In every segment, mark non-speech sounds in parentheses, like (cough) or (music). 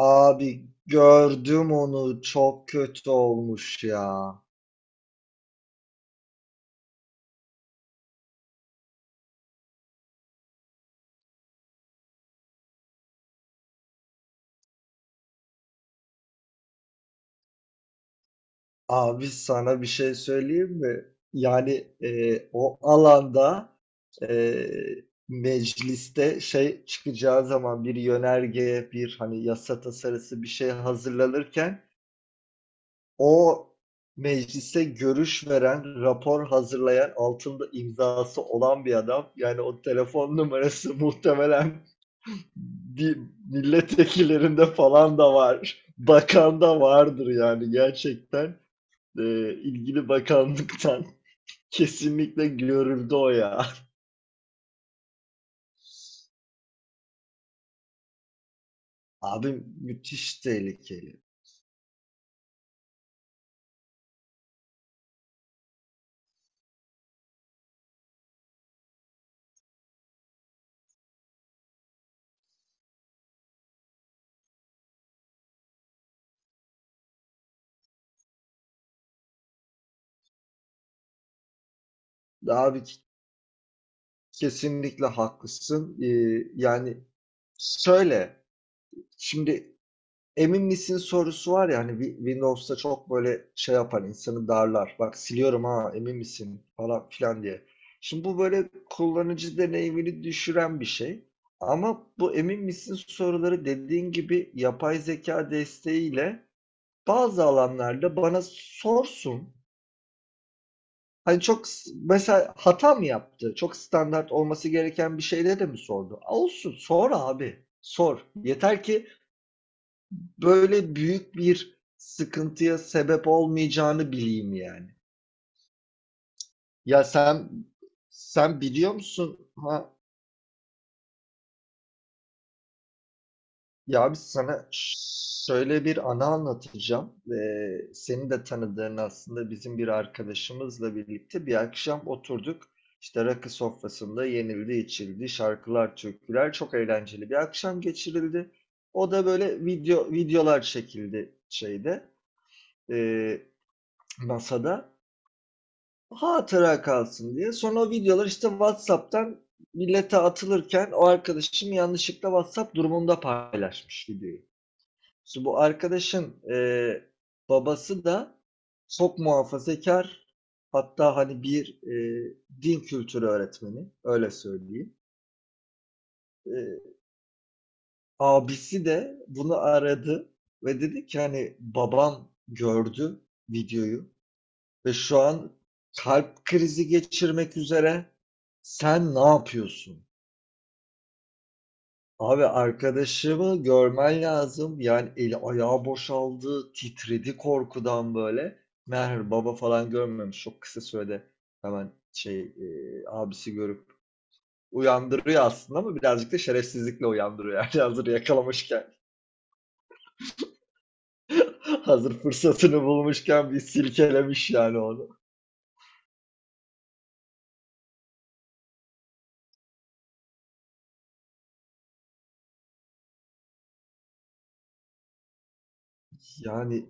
Abi gördüm onu çok kötü olmuş ya. Abi sana bir şey söyleyeyim mi? Yani o alanda e, mecliste şey çıkacağı zaman bir yönerge bir hani yasa tasarısı bir şey hazırlanırken o meclise görüş veren, rapor hazırlayan, altında imzası olan bir adam. Yani o telefon numarası (laughs) muhtemelen bir milletvekillerinde falan da var. (laughs) Bakan da vardır yani gerçekten. E, ilgili bakanlıktan (laughs) kesinlikle görüldü o ya. (laughs) Abi müthiş tehlikeli. Abi kesinlikle haklısın. Yani söyle. Şimdi emin misin sorusu var ya hani Windows'ta çok böyle şey yapar insanı darlar. Bak siliyorum ha emin misin falan filan diye. Şimdi bu böyle kullanıcı deneyimini düşüren bir şey. Ama bu emin misin soruları dediğin gibi yapay zeka desteğiyle bazı alanlarda bana sorsun. Hani çok mesela hata mı yaptı? Çok standart olması gereken bir şeyde de mi sordu? Olsun sor abi. Sor. Yeter ki böyle büyük bir sıkıntıya sebep olmayacağını bileyim yani. Ya sen biliyor musun? Ha, ya biz sana şöyle bir anı anlatacağım. Senin de tanıdığın aslında bizim bir arkadaşımızla birlikte bir akşam oturduk. İşte rakı sofrasında yenildi, içildi, şarkılar, türküler çok eğlenceli bir akşam geçirildi. O da böyle video videolar çekildi şeyde, e, masada. Hatıra kalsın diye. Sonra o videolar işte WhatsApp'tan millete atılırken o arkadaşım yanlışlıkla WhatsApp durumunda paylaşmış videoyu. Şimdi bu arkadaşın babası da çok muhafazakar, hatta hani bir din kültürü öğretmeni, öyle söyleyeyim. E, Abisi de bunu aradı ve dedi ki hani babam gördü videoyu ve şu an kalp krizi geçirmek üzere. Sen ne yapıyorsun? Abi arkadaşımı görmen lazım. Yani eli ayağı boşaldı, titredi korkudan böyle. Meğer baba falan görmemiş. Çok kısa sürede hemen şey abisi görüp uyandırıyor aslında ama birazcık da şerefsizlikle uyandırıyor. Yani (laughs) hazır yakalamışken, (laughs) hazır fırsatını bulmuşken bir silkelemiş yani onu. Yani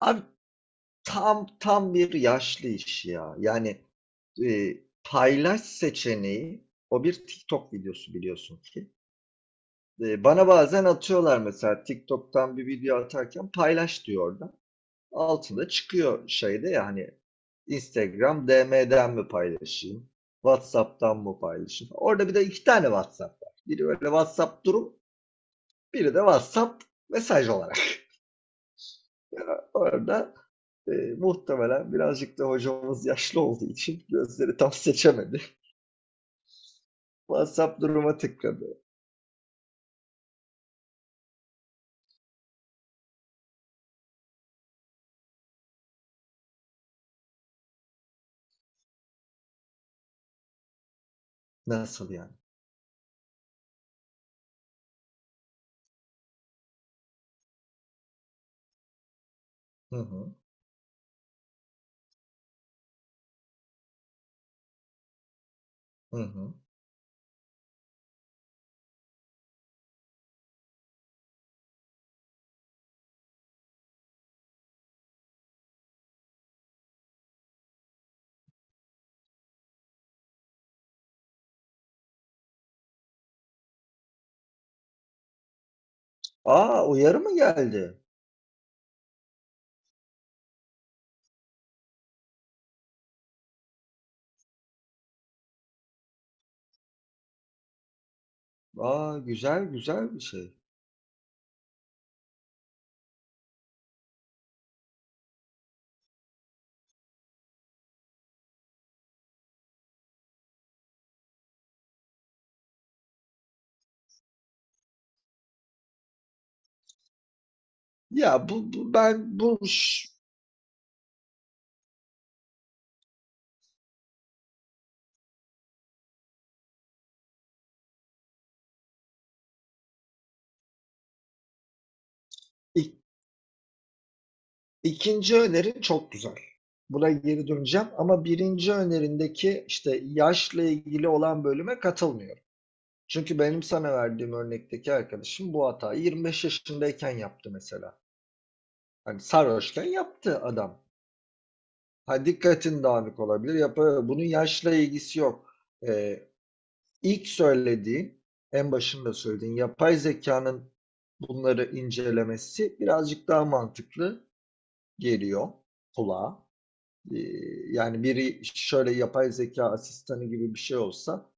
abi, tam bir yaşlı iş ya. Yani, e, paylaş seçeneği, o bir TikTok videosu biliyorsun ki. Bana bazen atıyorlar, mesela TikTok'tan bir video atarken paylaş diyor orada. Altında çıkıyor şeyde ya hani Instagram DM'den mi paylaşayım? WhatsApp'tan mı paylaşayım? Orada bir de iki tane WhatsApp var. Biri böyle WhatsApp durum, biri de WhatsApp mesaj olarak. Orada, muhtemelen birazcık da hocamız yaşlı olduğu için gözleri tam seçemedi. WhatsApp duruma tıkladı. Nasıl yani? Hı hı. Hı hı. A! Uyarı mı geldi? Aa, güzel, güzel bir şey. Ya, bu bu ben bu ş ik ikinci önerin çok güzel. Buna geri döneceğim ama birinci önerindeki, işte, yaşla ilgili olan bölüme katılmıyorum. Çünkü benim sana verdiğim örnekteki arkadaşım bu hatayı 25 yaşındayken yaptı mesela. Hani sarhoşken yaptı adam. Ha, dikkatin dağınık olabilir. Yapar. Bunun yaşla ilgisi yok. Ee, ilk söylediğin, en başında söylediğin yapay zekanın bunları incelemesi birazcık daha mantıklı geliyor kulağa. Ee, Yani biri şöyle yapay zeka asistanı gibi bir şey olsa,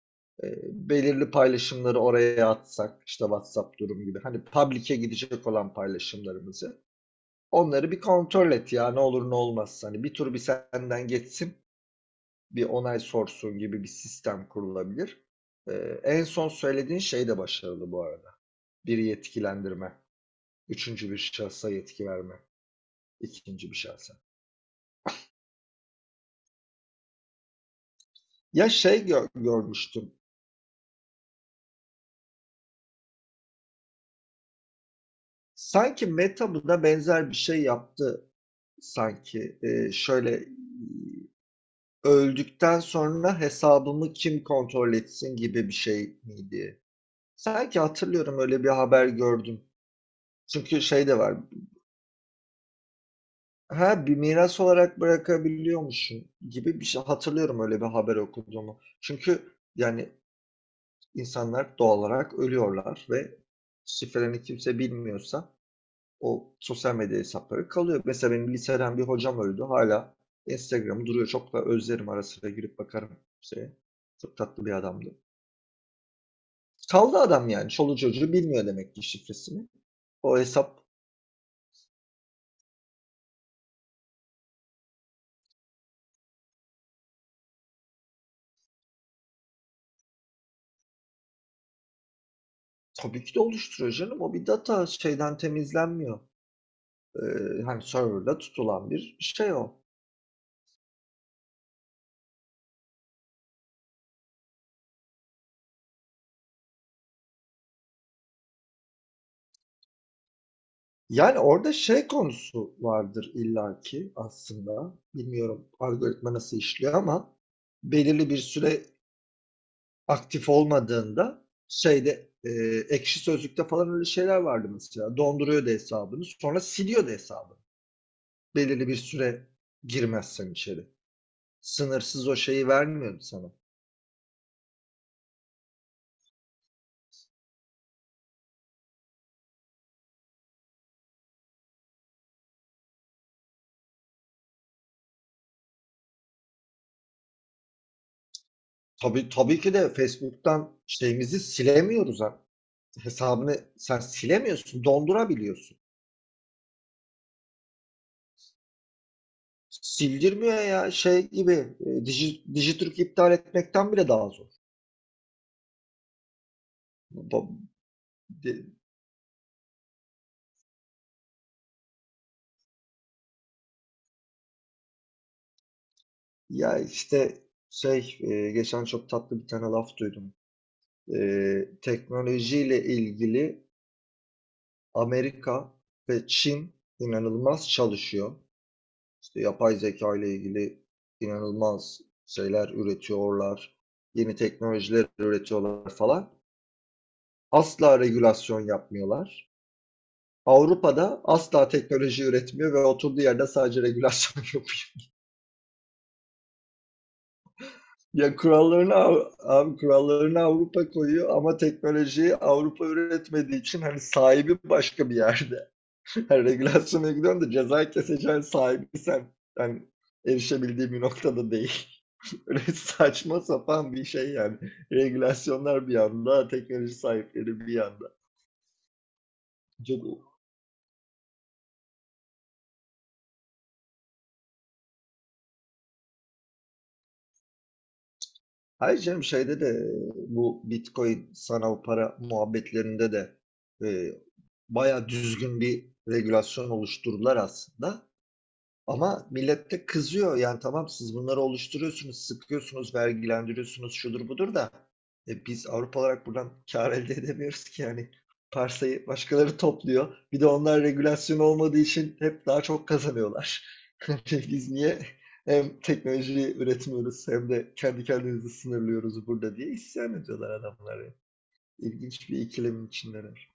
e, belirli paylaşımları oraya atsak işte WhatsApp durum gibi hani public'e gidecek olan paylaşımlarımızı, onları bir kontrol et ya ne olur ne olmaz. Hani bir tur bir senden geçsin, bir onay sorsun gibi bir sistem kurulabilir. Ee, En son söylediğin şey de başarılı bu arada. Bir yetkilendirme, üçüncü bir şahsa yetki verme, ikinci bir şahsa. Ya şey görmüştüm. Sanki Meta buna benzer bir şey yaptı sanki. Şöyle öldükten sonra hesabımı kim kontrol etsin gibi bir şey miydi? Sanki hatırlıyorum, öyle bir haber gördüm. Çünkü şey de var. Ha, bir miras olarak bırakabiliyormuşsun gibi bir şey hatırlıyorum, öyle bir haber okuduğumu. Çünkü yani insanlar doğal olarak ölüyorlar ve şifrelerini kimse bilmiyorsa o sosyal medya hesapları kalıyor. Mesela benim liseden bir hocam öldü. Hala Instagram'ı duruyor. Çok da özlerim, ara sıra girip bakarım şeye. Çok tatlı bir adamdı. Kaldı adam yani. Çoluk çocuğu bilmiyor demek ki şifresini. O hesap tabii ki de oluşturuyor canım. O bir data şeyden temizlenmiyor. Hani server'da tutulan bir şey o. Yani orada şey konusu vardır illaki aslında. Bilmiyorum algoritma nasıl işliyor ama belirli bir süre aktif olmadığında şeyde ekşi sözlükte falan öyle şeyler vardı mesela. Donduruyordu hesabını, sonra siliyordu hesabını. Belirli bir süre girmezsen içeri. Sınırsız o şeyi vermiyordu sana. Tabii, tabii ki de Facebook'tan şeyimizi silemiyoruz ha. Hesabını sen silemiyorsun, dondurabiliyorsun. Sildirmiyor ya şey gibi, Digiturk iptal etmekten bile daha zor. Ba- de- Ya işte şey, geçen çok tatlı bir tane laf duydum. E, Teknolojiyle ilgili Amerika ve Çin inanılmaz çalışıyor. İşte yapay zeka ile ilgili inanılmaz şeyler üretiyorlar. Yeni teknolojiler üretiyorlar falan. Asla regülasyon yapmıyorlar. Avrupa'da asla teknoloji üretmiyor ve oturduğu yerde sadece regülasyon (laughs) yapıyor. Ya kurallarını abi, kurallarını Avrupa koyuyor ama teknolojiyi Avrupa üretmediği için hani sahibi başka bir yerde. (laughs) Hani regülasyona gidiyorsun da ceza keseceğin sahibi sen. Yani erişebildiğim bir noktada değil. Böyle (laughs) saçma sapan bir şey yani. Regülasyonlar bir yanda, teknoloji sahipleri bir yanda. Çok... Hayır canım, şeyde de bu Bitcoin sanal para muhabbetlerinde de e, baya düzgün bir regülasyon oluşturdular aslında. Ama millet de kızıyor. Yani tamam, siz bunları oluşturuyorsunuz, sıkıyorsunuz, vergilendiriyorsunuz, şudur budur da biz Avrupa olarak buradan kar elde edemiyoruz ki yani. Parsayı başkaları topluyor. Bir de onlar regülasyon olmadığı için hep daha çok kazanıyorlar. (laughs) Biz niye hem teknolojiyi üretmiyoruz hem de kendi kendimizi sınırlıyoruz burada diye isyan ediyorlar adamlar ya. İlginç bir ikilemin içindeler.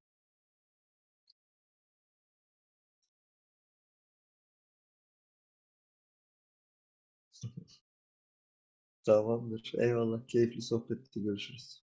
Tamamdır. Eyvallah. Keyifli sohbetti. Görüşürüz.